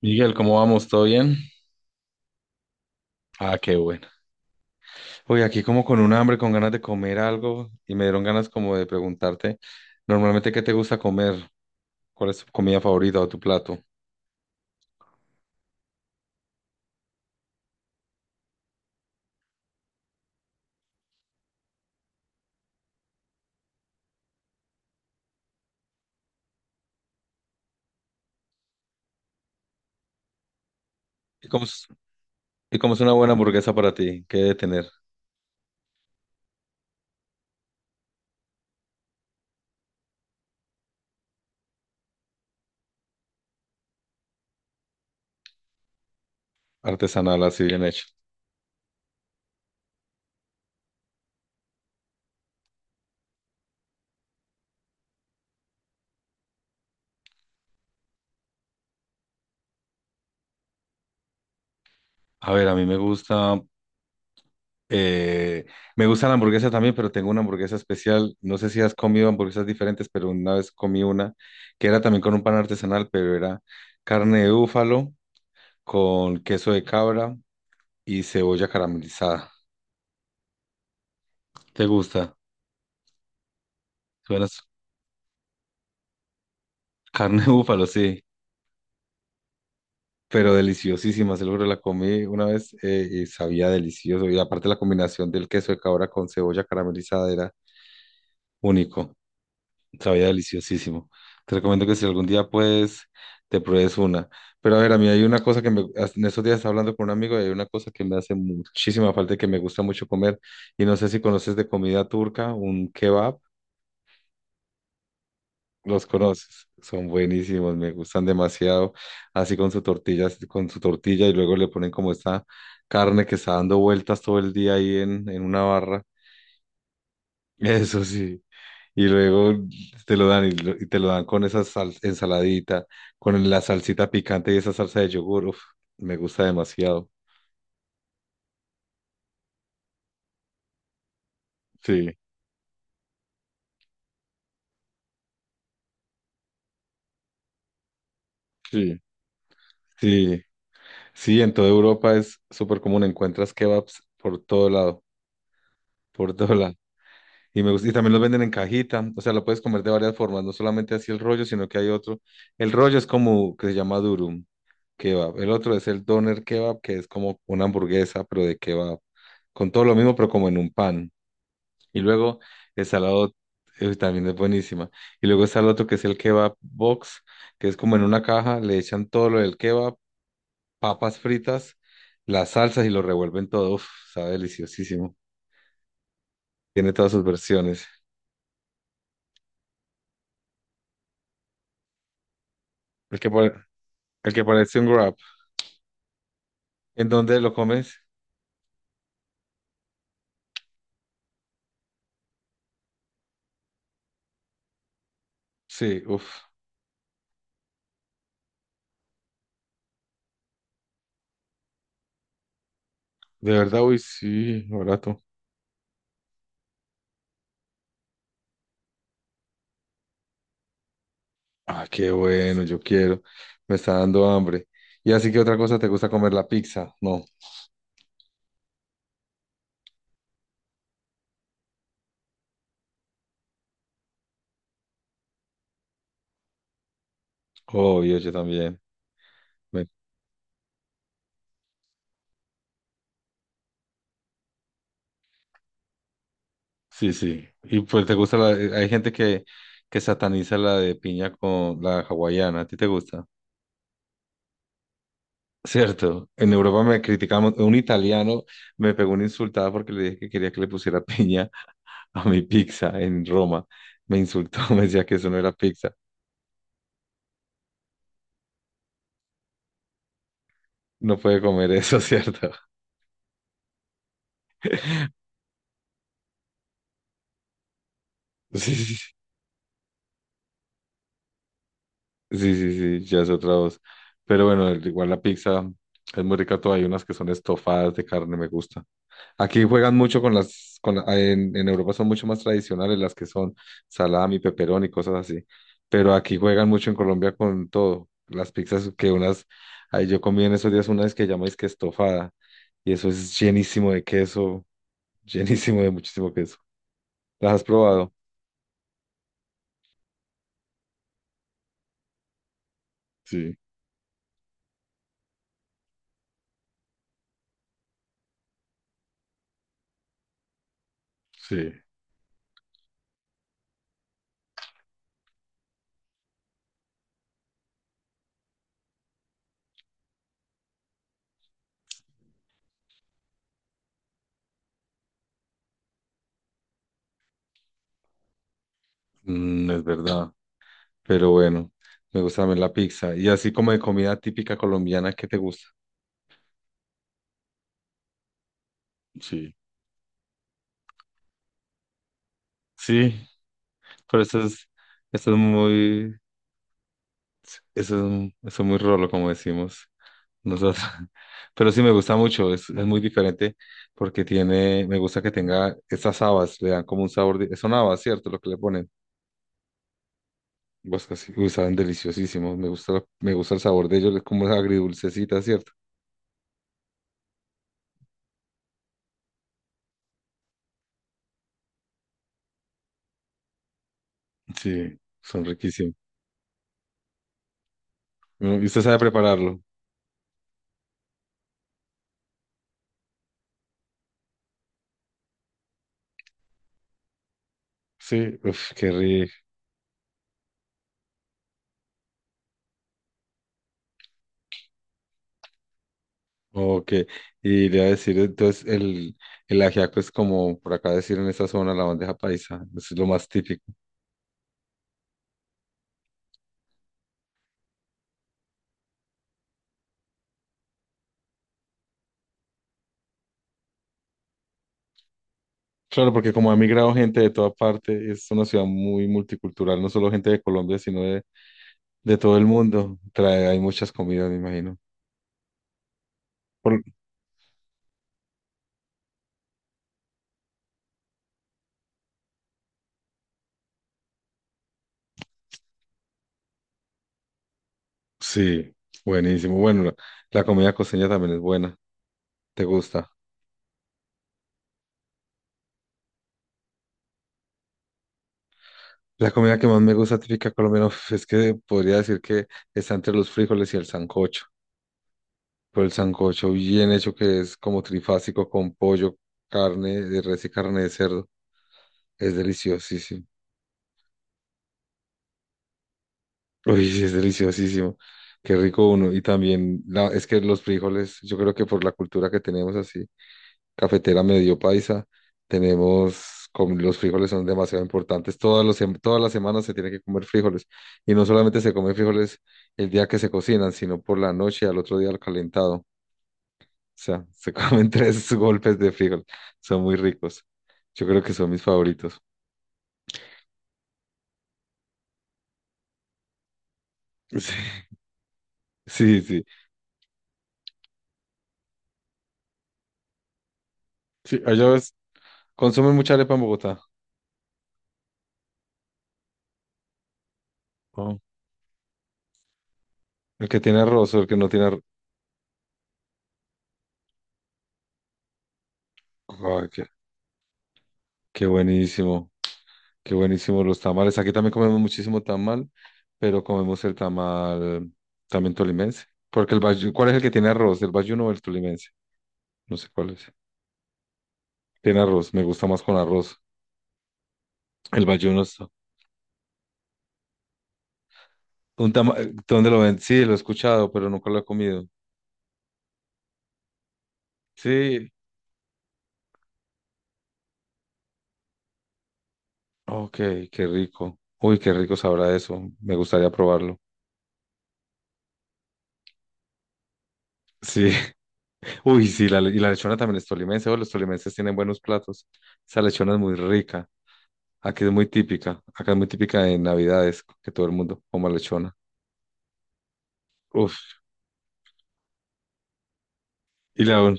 Miguel, ¿cómo vamos? ¿Todo bien? Ah, qué bueno. Uy, aquí como con un hambre, con ganas de comer algo y me dieron ganas como de preguntarte, normalmente, ¿qué te gusta comer? ¿Cuál es tu comida favorita o tu plato? ¿Y cómo es, y cómo es una buena hamburguesa para ti? ¿Qué debe tener? Artesanal, así bien hecho. A ver, a mí eh, me gusta la hamburguesa también, pero tengo una hamburguesa especial. No sé si has comido hamburguesas diferentes, pero una vez comí una que era también con un pan artesanal, pero era carne de búfalo con queso de cabra y cebolla caramelizada. ¿Te gusta? Suena s- carne de búfalo, sí, pero deliciosísima. Seguro la comí una vez y sabía delicioso. Y aparte la combinación del queso de cabra con cebolla caramelizada era único. Sabía deliciosísimo. Te recomiendo que si algún día puedes, te pruebes una. Pero a ver, a mí hay una cosa que en estos días estaba hablando con un amigo y hay una cosa que me hace muchísima falta y que me gusta mucho comer. Y no sé si conoces de comida turca, un kebab. Los conoces, son buenísimos, me gustan demasiado. Así con su tortilla y luego le ponen como esta carne que está dando vueltas todo el día ahí en una barra. Eso sí. Y luego te lo dan y, lo- y te lo dan con esa ensaladita, con la salsita picante y esa salsa de yogur. Uf, me gusta demasiado. Sí, sí, sí. Sí, en toda Europa es súper común. Encuentras kebabs por todo lado, por todo lado. Y me gusta, y también los venden en cajita, o sea, lo puedes comer de varias formas, no solamente así el rollo, sino que hay otro. El rollo es como que se llama durum kebab. El otro es el doner kebab, que es como una hamburguesa, pero de kebab, con todo lo mismo, pero como en un pan. Y luego el salado también es buenísima. Y luego está el otro que es el kebab box, que es como en una caja, le echan todo lo del kebab, papas fritas, las salsas y lo revuelven todo. Uf, sabe deliciosísimo. Tiene todas sus versiones. El que, pare- el que parece un wrap. ¿En dónde lo comes? Sí, uff, de verdad, uy, sí, barato. Ah, qué bueno, yo quiero. Me está dando hambre. Y así que otra cosa, ¿te gusta comer la pizza? No, obvio, yo también. Me- Sí, sí. Y pues hay gente que sataniza la de piña con la hawaiana. ¿A ti te gusta? Cierto. En Europa me criticamos. Un italiano me pegó una insultada porque le dije que quería que le pusiera piña a mi pizza en Roma. Me insultó, me decía que eso no era pizza. No puede comer eso, ¿cierto? Sí, sí, sí, sí, sí, ya es otra voz. Pero bueno, igual la pizza es muy rica, todavía hay unas que son estofadas de carne, me gusta. Aquí juegan mucho con las, con, en Europa son mucho más tradicionales las que son salami, peperón y cosas así. Pero aquí juegan mucho en Colombia con todo. Las pizzas que unas, ahí yo comí en esos días una vez que llamáis que estofada y eso es llenísimo de queso, llenísimo de muchísimo queso. ¿Las has probado? Sí, sí. Mm, es verdad. Pero bueno, me gusta también la pizza. Y así como de comida típica colombiana, ¿qué te gusta? Sí. Sí, pero eso es muy, eso es, un- eso es muy rolo, como decimos nosotros. Pero sí me gusta mucho, es muy diferente porque tiene, me gusta que tenga estas habas, le dan como un sabor de, son habas, ¿cierto? Lo que le ponen. Pues casi, uy, saben deliciosísimos, me gusta el sabor de ellos, es como agridulcecita, ¿cierto? Sí, son riquísimos. Bueno, ¿y usted sabe prepararlo? Sí, uf, qué rico. Ok, y le iba a decir, entonces el ajiaco es como por acá decir en esa zona la bandeja paisa, es lo más típico. Claro, porque como ha migrado gente de toda parte, es una ciudad muy multicultural, no solo gente de Colombia, sino de todo el mundo. Trae, hay muchas comidas, me imagino. Por- sí, buenísimo. Bueno, la comida costeña también es buena, ¿te gusta? La comida que más me gusta típica colombiana uf, es que podría decir que está entre los frijoles y el sancocho. Pero el sancocho bien hecho que es como trifásico con pollo, carne de res y carne de cerdo. Es deliciosísimo. Uy, sí, es deliciosísimo. Qué rico uno. Y también es que los frijoles, yo creo que por la cultura que tenemos así, cafetera medio paisa, tenemos, como los frijoles son demasiado importantes. Todas las semanas se tiene que comer frijoles. Y no solamente se come frijoles el día que se cocinan, sino por la noche, al otro día al calentado. Sea, se comen tres golpes de frijol. Son muy ricos. Yo creo que son mis favoritos. Sí, sí, sí. Sí, allá ves, consumen mucha arepa en Bogotá. Oh. El que tiene arroz o el que no tiene arroz. Ay, qué buenísimo. Qué buenísimo los tamales. Aquí también comemos muchísimo tamal, pero comemos el tamal también tolimense. ¿Cuál es el que tiene arroz? ¿El bayuno o el tolimense? No sé cuál es. Tiene arroz, me gusta más con arroz. El bayuno está. Un tama- ¿Dónde lo ven? Sí, lo he escuchado, pero nunca lo he comido. Sí, ok, qué rico. Uy, qué rico sabrá eso. Me gustaría probarlo. Sí, uy, sí, y la lechona también es tolimense. Oh, los tolimenses tienen buenos platos. Esa lechona es muy rica. Aquí es muy típica. Acá es muy típica en Navidades, que todo el mundo coma lechona. Uf, y la, un-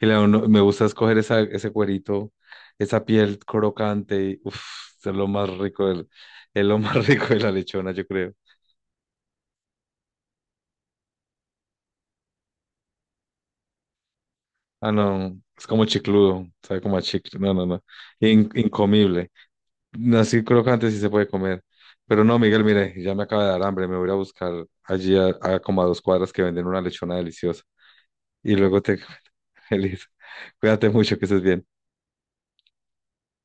y la uno- me gusta escoger esa, ese cuerito, esa piel crocante. Y, uf, es lo más rico del, es lo más rico de la lechona, yo creo. Ah, no, es como chicludo, sabe como a chicle. No, no, no. Incomible. No, sí, crocante sí se puede comer. Pero no, Miguel, mire, ya me acaba de dar hambre. Me voy a ir a buscar allí a, como a 2 cuadras que venden una lechona deliciosa. Y luego te... Feliz. Cuídate mucho, que estés bien.